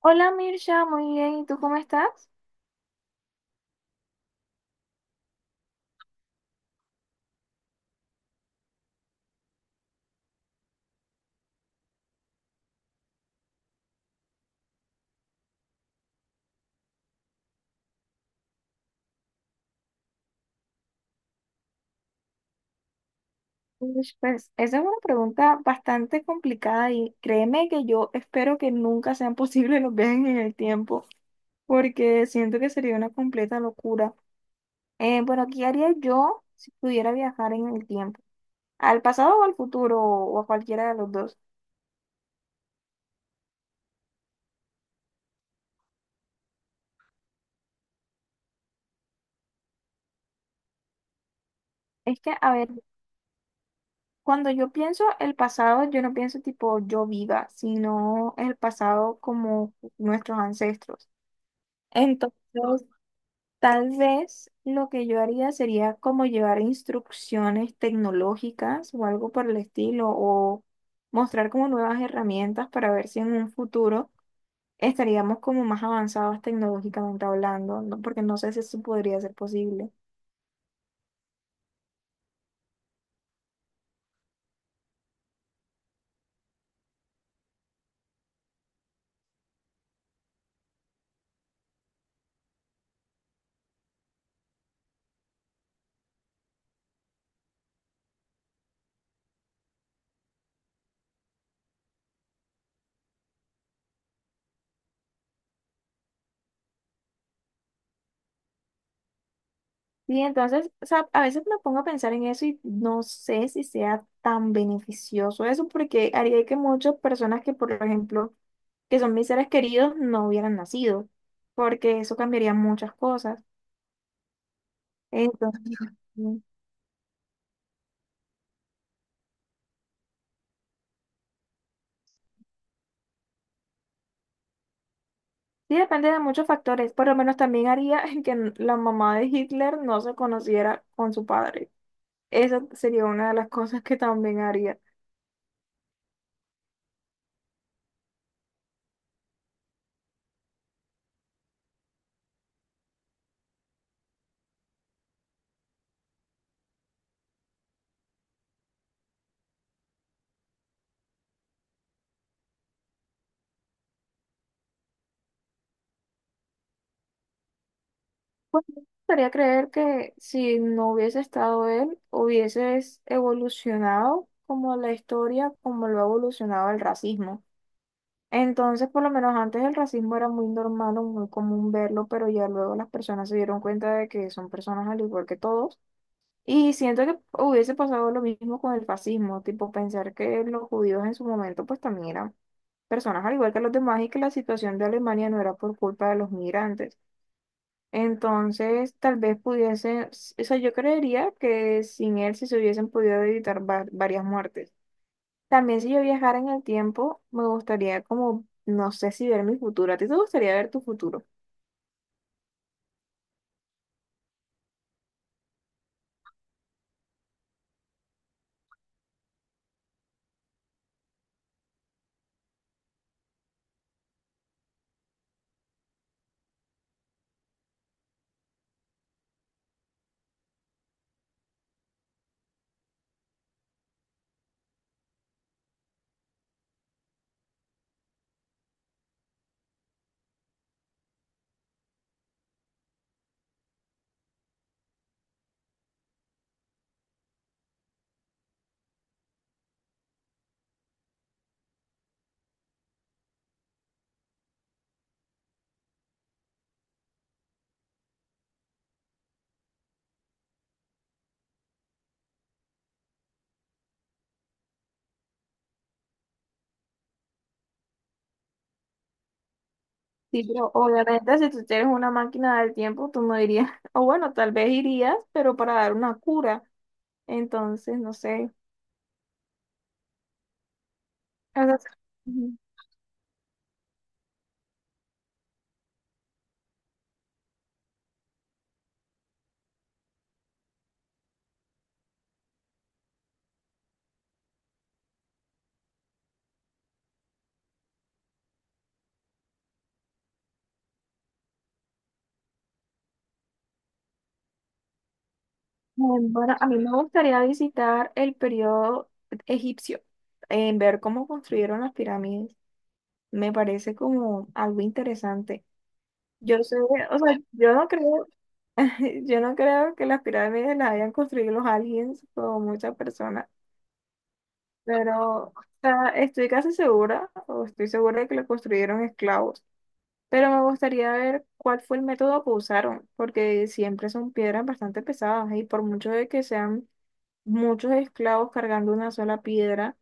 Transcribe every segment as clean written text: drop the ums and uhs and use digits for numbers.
Hola Mircha, muy bien. ¿Y tú cómo estás? Uy, pues esa es una pregunta bastante complicada y créeme que yo espero que nunca sean posibles los viajes en el tiempo porque siento que sería una completa locura. Bueno, ¿qué haría yo si pudiera viajar en el tiempo? ¿Al pasado o al futuro o a cualquiera de los dos? Es que, a ver, cuando yo pienso el pasado, yo no pienso tipo yo viva, sino el pasado como nuestros ancestros. Entonces, tal vez lo que yo haría sería como llevar instrucciones tecnológicas o algo por el estilo, o mostrar como nuevas herramientas para ver si en un futuro estaríamos como más avanzados tecnológicamente hablando, ¿no? Porque no sé si eso podría ser posible. Y entonces, o sea, a veces me pongo a pensar en eso y no sé si sea tan beneficioso eso, porque haría que muchas personas que, por ejemplo, que son mis seres queridos, no hubieran nacido, porque eso cambiaría muchas cosas. Entonces, sí, depende de muchos factores. Por lo menos también haría que la mamá de Hitler no se conociera con su padre. Esa sería una de las cosas que también haría. Pues me gustaría creer que si no hubiese estado él, hubieses evolucionado como la historia, como lo ha evolucionado el racismo. Entonces, por lo menos antes el racismo era muy normal o muy común verlo, pero ya luego las personas se dieron cuenta de que son personas al igual que todos. Y siento que hubiese pasado lo mismo con el fascismo, tipo pensar que los judíos en su momento pues también eran personas al igual que los demás y que la situación de Alemania no era por culpa de los migrantes. Entonces, tal vez pudiesen, o sea, yo creería que sin él sí se hubiesen podido evitar varias muertes. También si yo viajara en el tiempo, me gustaría como, no sé si ver mi futuro. ¿A ti te gustaría ver tu futuro? Sí, pero obviamente si tú eres una máquina del tiempo, tú no irías, o bueno, tal vez irías, pero para dar una cura. Entonces, no sé. O sea, ujú. Bueno, a mí me gustaría visitar el periodo egipcio, en ver cómo construyeron las pirámides. Me parece como algo interesante. Yo sé, o sea, yo no creo, yo no creo que las pirámides las hayan construido los aliens o muchas personas, pero o sea, estoy casi segura, o estoy segura de que las construyeron esclavos. Pero me gustaría ver cuál fue el método que usaron, porque siempre son piedras bastante pesadas y por mucho de que sean muchos esclavos cargando una sola piedra,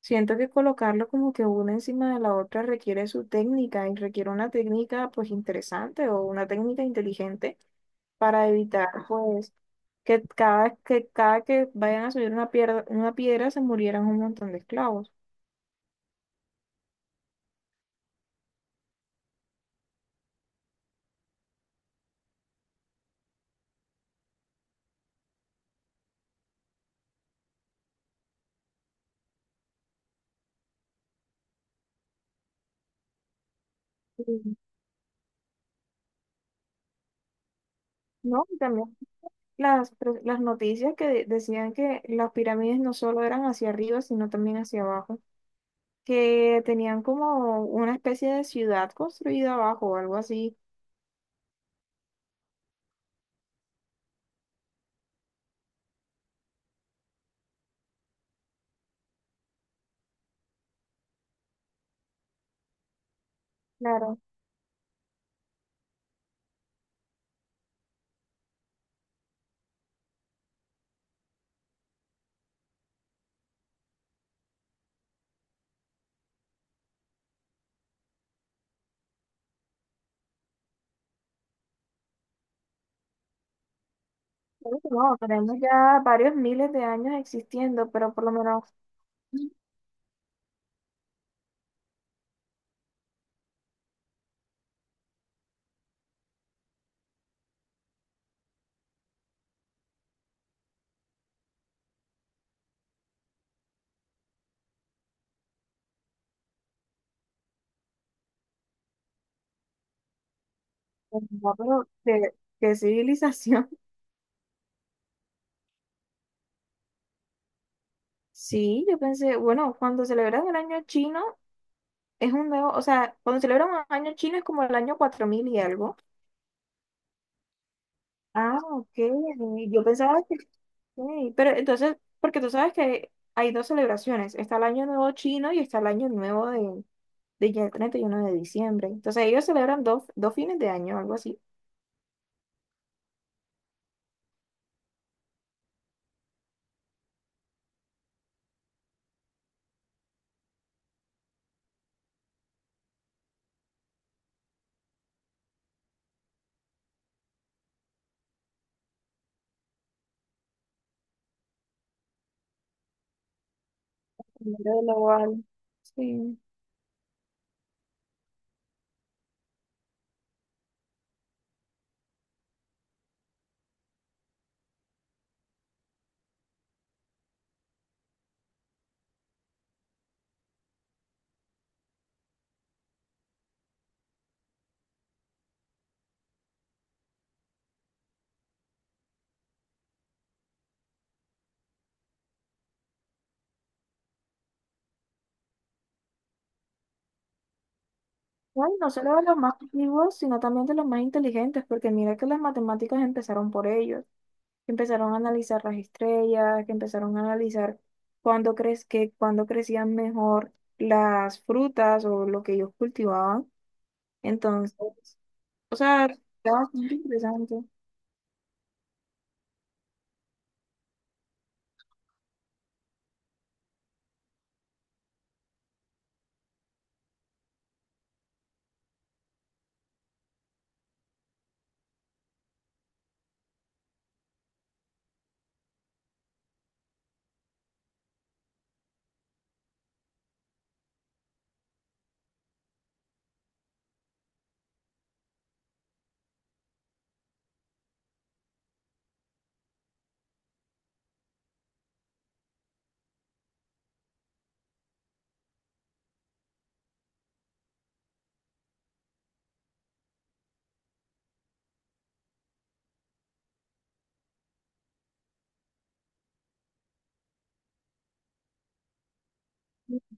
siento que colocarlo como que una encima de la otra requiere su técnica y requiere una técnica pues interesante o una técnica inteligente para evitar pues que cada que vayan a subir una piedra se murieran un montón de esclavos. Y, no, y también las, las noticias que decían que las pirámides no solo eran hacia arriba, sino también hacia abajo, que tenían como una especie de ciudad construida abajo o algo así. Claro, claro que no, tenemos ya varios miles de años existiendo, pero por lo menos, pues, no, pero ¿qué, qué civilización? Sí, yo pensé, bueno, cuando celebran el año chino es un nuevo, o sea, cuando celebran un año chino es como el año 4000 y algo. Ah, ok. Yo pensaba que... Ok, pero entonces, porque tú sabes que hay dos celebraciones. Está el Año Nuevo chino y está el Año Nuevo de ya 31 de diciembre. Entonces ellos celebran dos, dos fines de año, algo así. Primero de lo... Sí. Bueno, no solo de los más creativos, sino también de los más inteligentes, porque mira que las matemáticas empezaron por ellos, que empezaron a analizar las estrellas, que empezaron a analizar cuándo crees que cuándo crecían mejor las frutas o lo que ellos cultivaban. Entonces, o sea, está bastante interesante.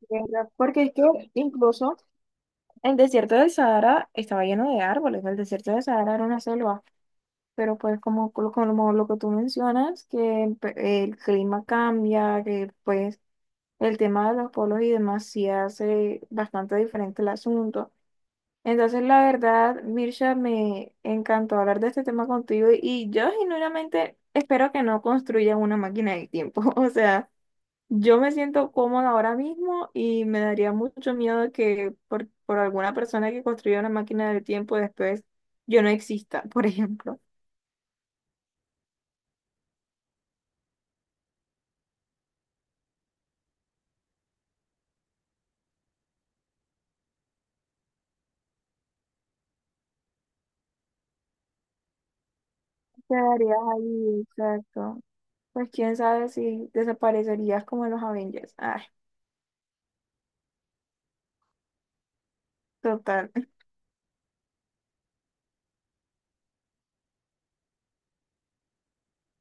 ¿De verdad? Porque es que incluso el desierto del Sahara estaba lleno de árboles, el desierto del Sahara era una selva, pero pues como, como lo que tú mencionas, que el clima cambia, que pues el tema de los polos y demás sí hace bastante diferente el asunto. Entonces, la verdad, Mirsha, me encantó hablar de este tema contigo y yo genuinamente espero que no construyan una máquina del tiempo, o sea... Yo me siento cómoda ahora mismo y me daría mucho miedo que por alguna persona que construya una máquina del tiempo después yo no exista, por ejemplo. Quedarías ahí, exacto. Pues quién sabe si desaparecerías como en los Avengers. Ay, total.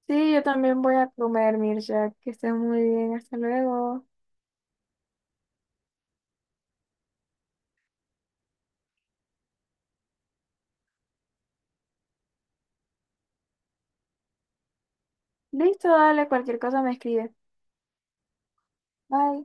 Sí, yo también voy a comer, Mircea. Que estés muy bien. Hasta luego. Listo, dale, cualquier cosa me escribes. Bye.